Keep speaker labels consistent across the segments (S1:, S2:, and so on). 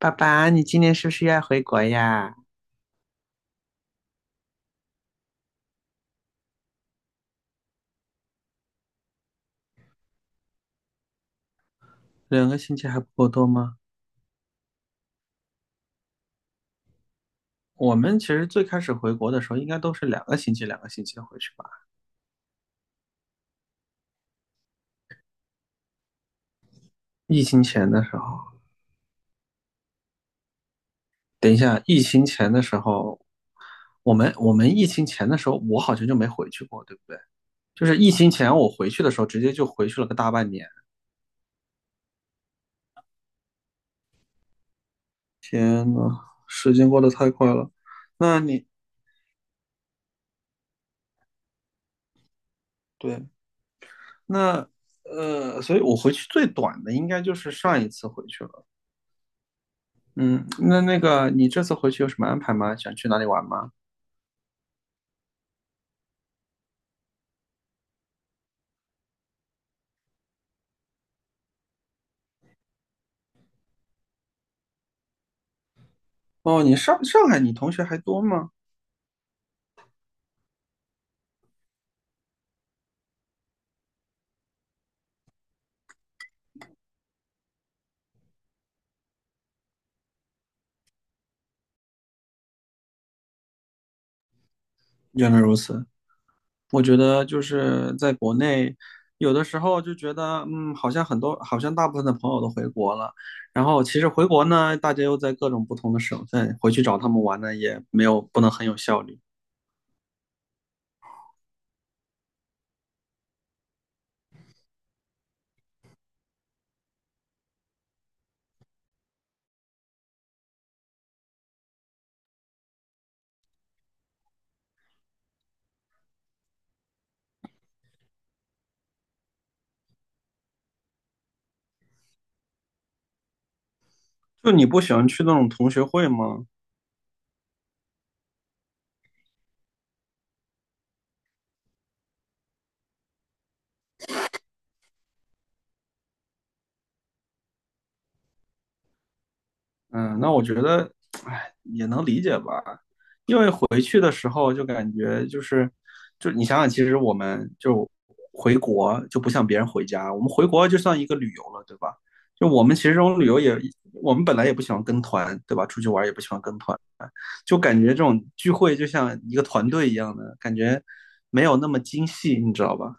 S1: 爸爸，你今年是不是要回国呀？两个星期还不够多吗？我们其实最开始回国的时候，应该都是两个星期、两个星期回去吧。疫情前的时候，等一下，疫情前的时候，我们疫情前的时候，我好像就没回去过，对不对？就是疫情前我回去的时候，直接就回去了个大半年。天呐，时间过得太快了。那你对，那所以我回去最短的应该就是上一次回去了。嗯，那那个你这次回去有什么安排吗？想去哪里玩吗？哦，你上海，你同学还多吗？原来如此，我觉得就是在国内，有的时候就觉得，嗯，好像很多，好像大部分的朋友都回国了，然后其实回国呢，大家又在各种不同的省份，回去找他们玩呢，也没有不能很有效率。就你不喜欢去那种同学会吗？嗯，那我觉得，哎，也能理解吧。回去的时候就感觉就是，就你想想，其实我们就回国就不像别人回家，我们回国就算一个旅游了，对吧？就我们其实这种旅游也，我们本来也不喜欢跟团，对吧？出去玩也不喜欢跟团，就感觉这种聚会就像一个团队一样的感觉，没有那么精细，你知道吧？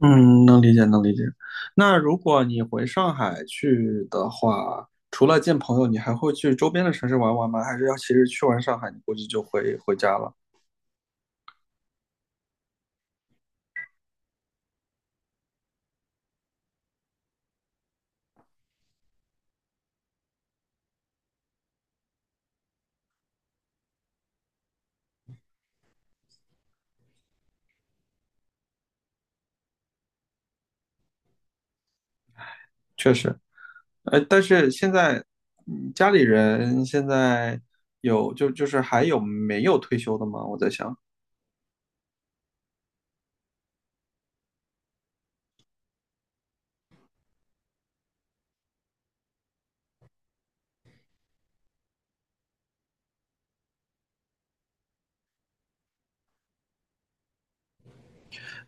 S1: 嗯，能理解，能理解。那如果你回上海去的话，除了见朋友，你还会去周边的城市玩玩吗？还是要其实去完上海，你估计就回家了？确实，但是现在，嗯家里人现在就是还有没有退休的吗？我在想，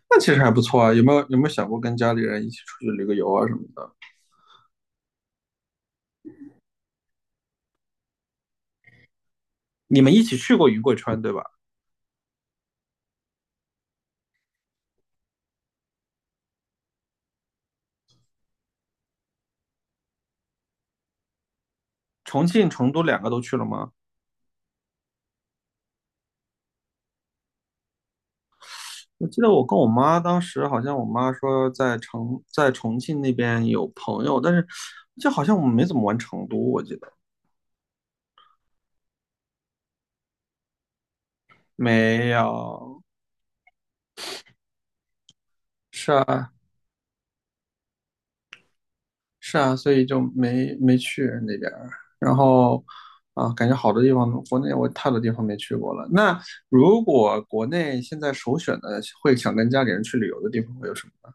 S1: 那其实还不错啊。有没有想过跟家里人一起出去旅个游啊什么的？你们一起去过云贵川对吧？重庆、成都两个都去了吗？我记得我跟我妈当时好像我妈说在重庆那边有朋友，但是就好像我们没怎么玩成都，我记得没有。是啊，是啊，所以就没没去那边儿。然后啊，感觉好多地方，国内我太多地方没去过了。那如果国内现在首选的会想跟家里人去旅游的地方会有什么呢？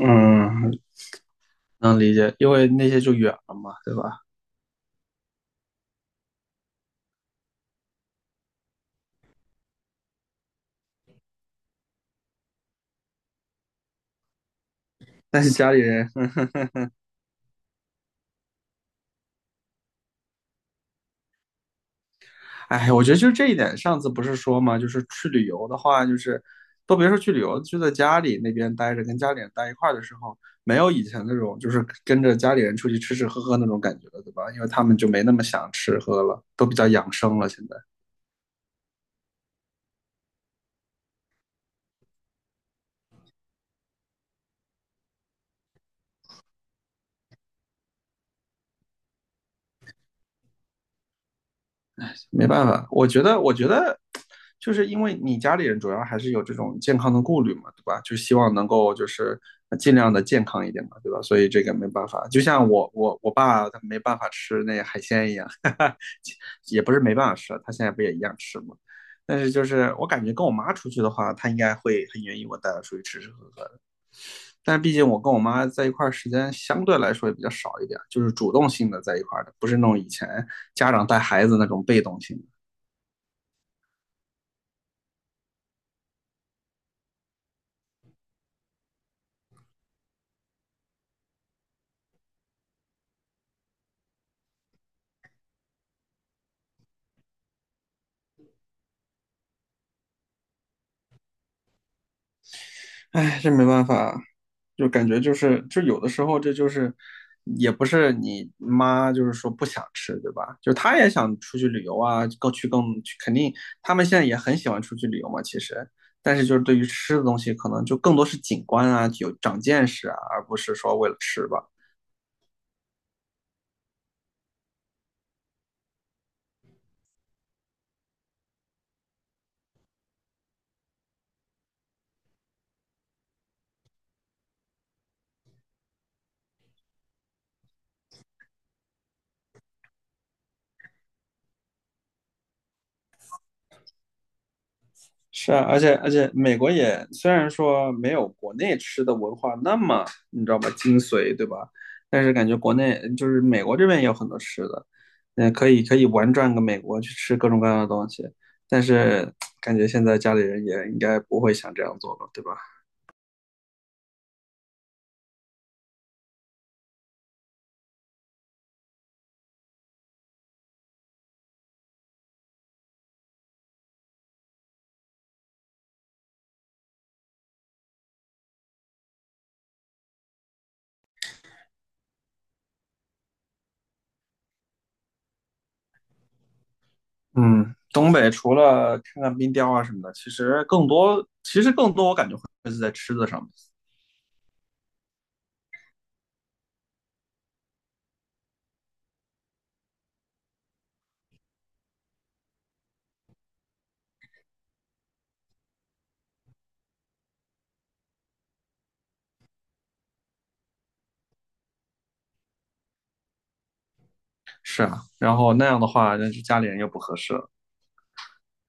S1: 嗯，能理解，因为那些就远了嘛，对吧？但是家里人，哎，我觉得就是这一点，上次不是说嘛，就是去旅游的话，就是都别说去旅游，就在家里那边待着，跟家里人待一块儿的时候，没有以前那种就是跟着家里人出去吃吃喝喝那种感觉了，对吧？因为他们就没那么想吃喝了，都比较养生了，现在。没办法，我觉得，我觉得，就是因为你家里人主要还是有这种健康的顾虑嘛，对吧？就希望能够就是尽量的健康一点嘛，对吧？所以这个没办法，就像我我爸他没办法吃那海鲜一样，哈哈，也不是没办法吃啊，他现在不也一样吃吗？但是就是我感觉跟我妈出去的话，他应该会很愿意我带他出去吃吃喝喝的。但是毕竟我跟我妈在一块儿时间相对来说也比较少一点，就是主动性的在一块儿的，不是那种以前家长带孩子那种被动性的。哎，这没办法，就感觉就是，就有的时候这就是，也不是你妈就是说不想吃，对吧？就她也想出去旅游啊，更去，肯定他们现在也很喜欢出去旅游嘛，其实，但是就是对于吃的东西，可能就更多是景观啊，有长见识啊，而不是说为了吃吧。是啊，而且美国也虽然说没有国内吃的文化那么你知道吧精髓，对吧？但是感觉国内就是美国这边也有很多吃的，嗯，可以玩转个美国去吃各种各样的东西。但是感觉现在家里人也应该不会想这样做了，对吧？嗯，东北除了看看冰雕啊什么的，其实更多我感觉会是在吃的上面。是啊，然后那样的话，那就家里人又不合适了。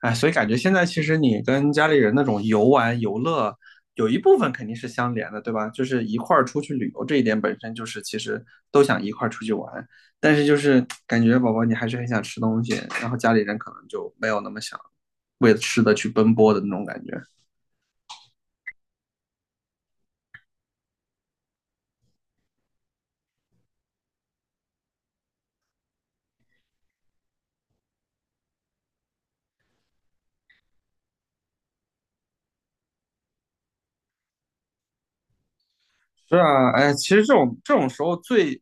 S1: 哎，所以感觉现在其实你跟家里人那种游玩游乐，有一部分肯定是相连的，对吧？就是一块儿出去旅游这一点本身就是其实都想一块儿出去玩，但是就是感觉宝宝你还是很想吃东西，然后家里人可能就没有那么想为了吃的去奔波的那种感觉。是啊，哎，其实这种时候最，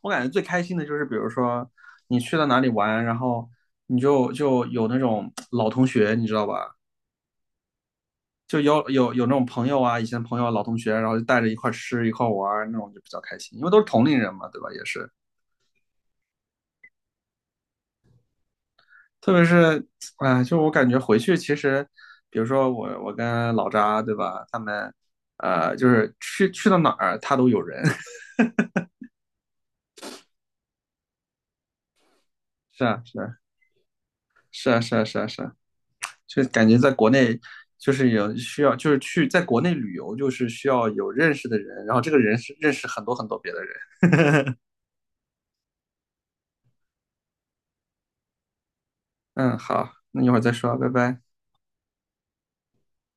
S1: 我感觉最开心的就是，比如说你去到哪里玩，然后你就有那种老同学，你知道吧？就有那种朋友啊，以前朋友、老同学，然后就带着一块吃一块玩那种就比较开心，因为都是同龄人嘛，对吧？也是，特别是，哎，就我感觉回去其实，比如说我跟老扎，对吧？他们，就是去到哪儿他都有人，是啊是啊是啊是啊是啊是啊，就感觉在国内就是有需要，就是去在国内旅游就是需要有认识的人，然后这个人是认识很多很多别的人。嗯，好，那一会儿再说，拜拜。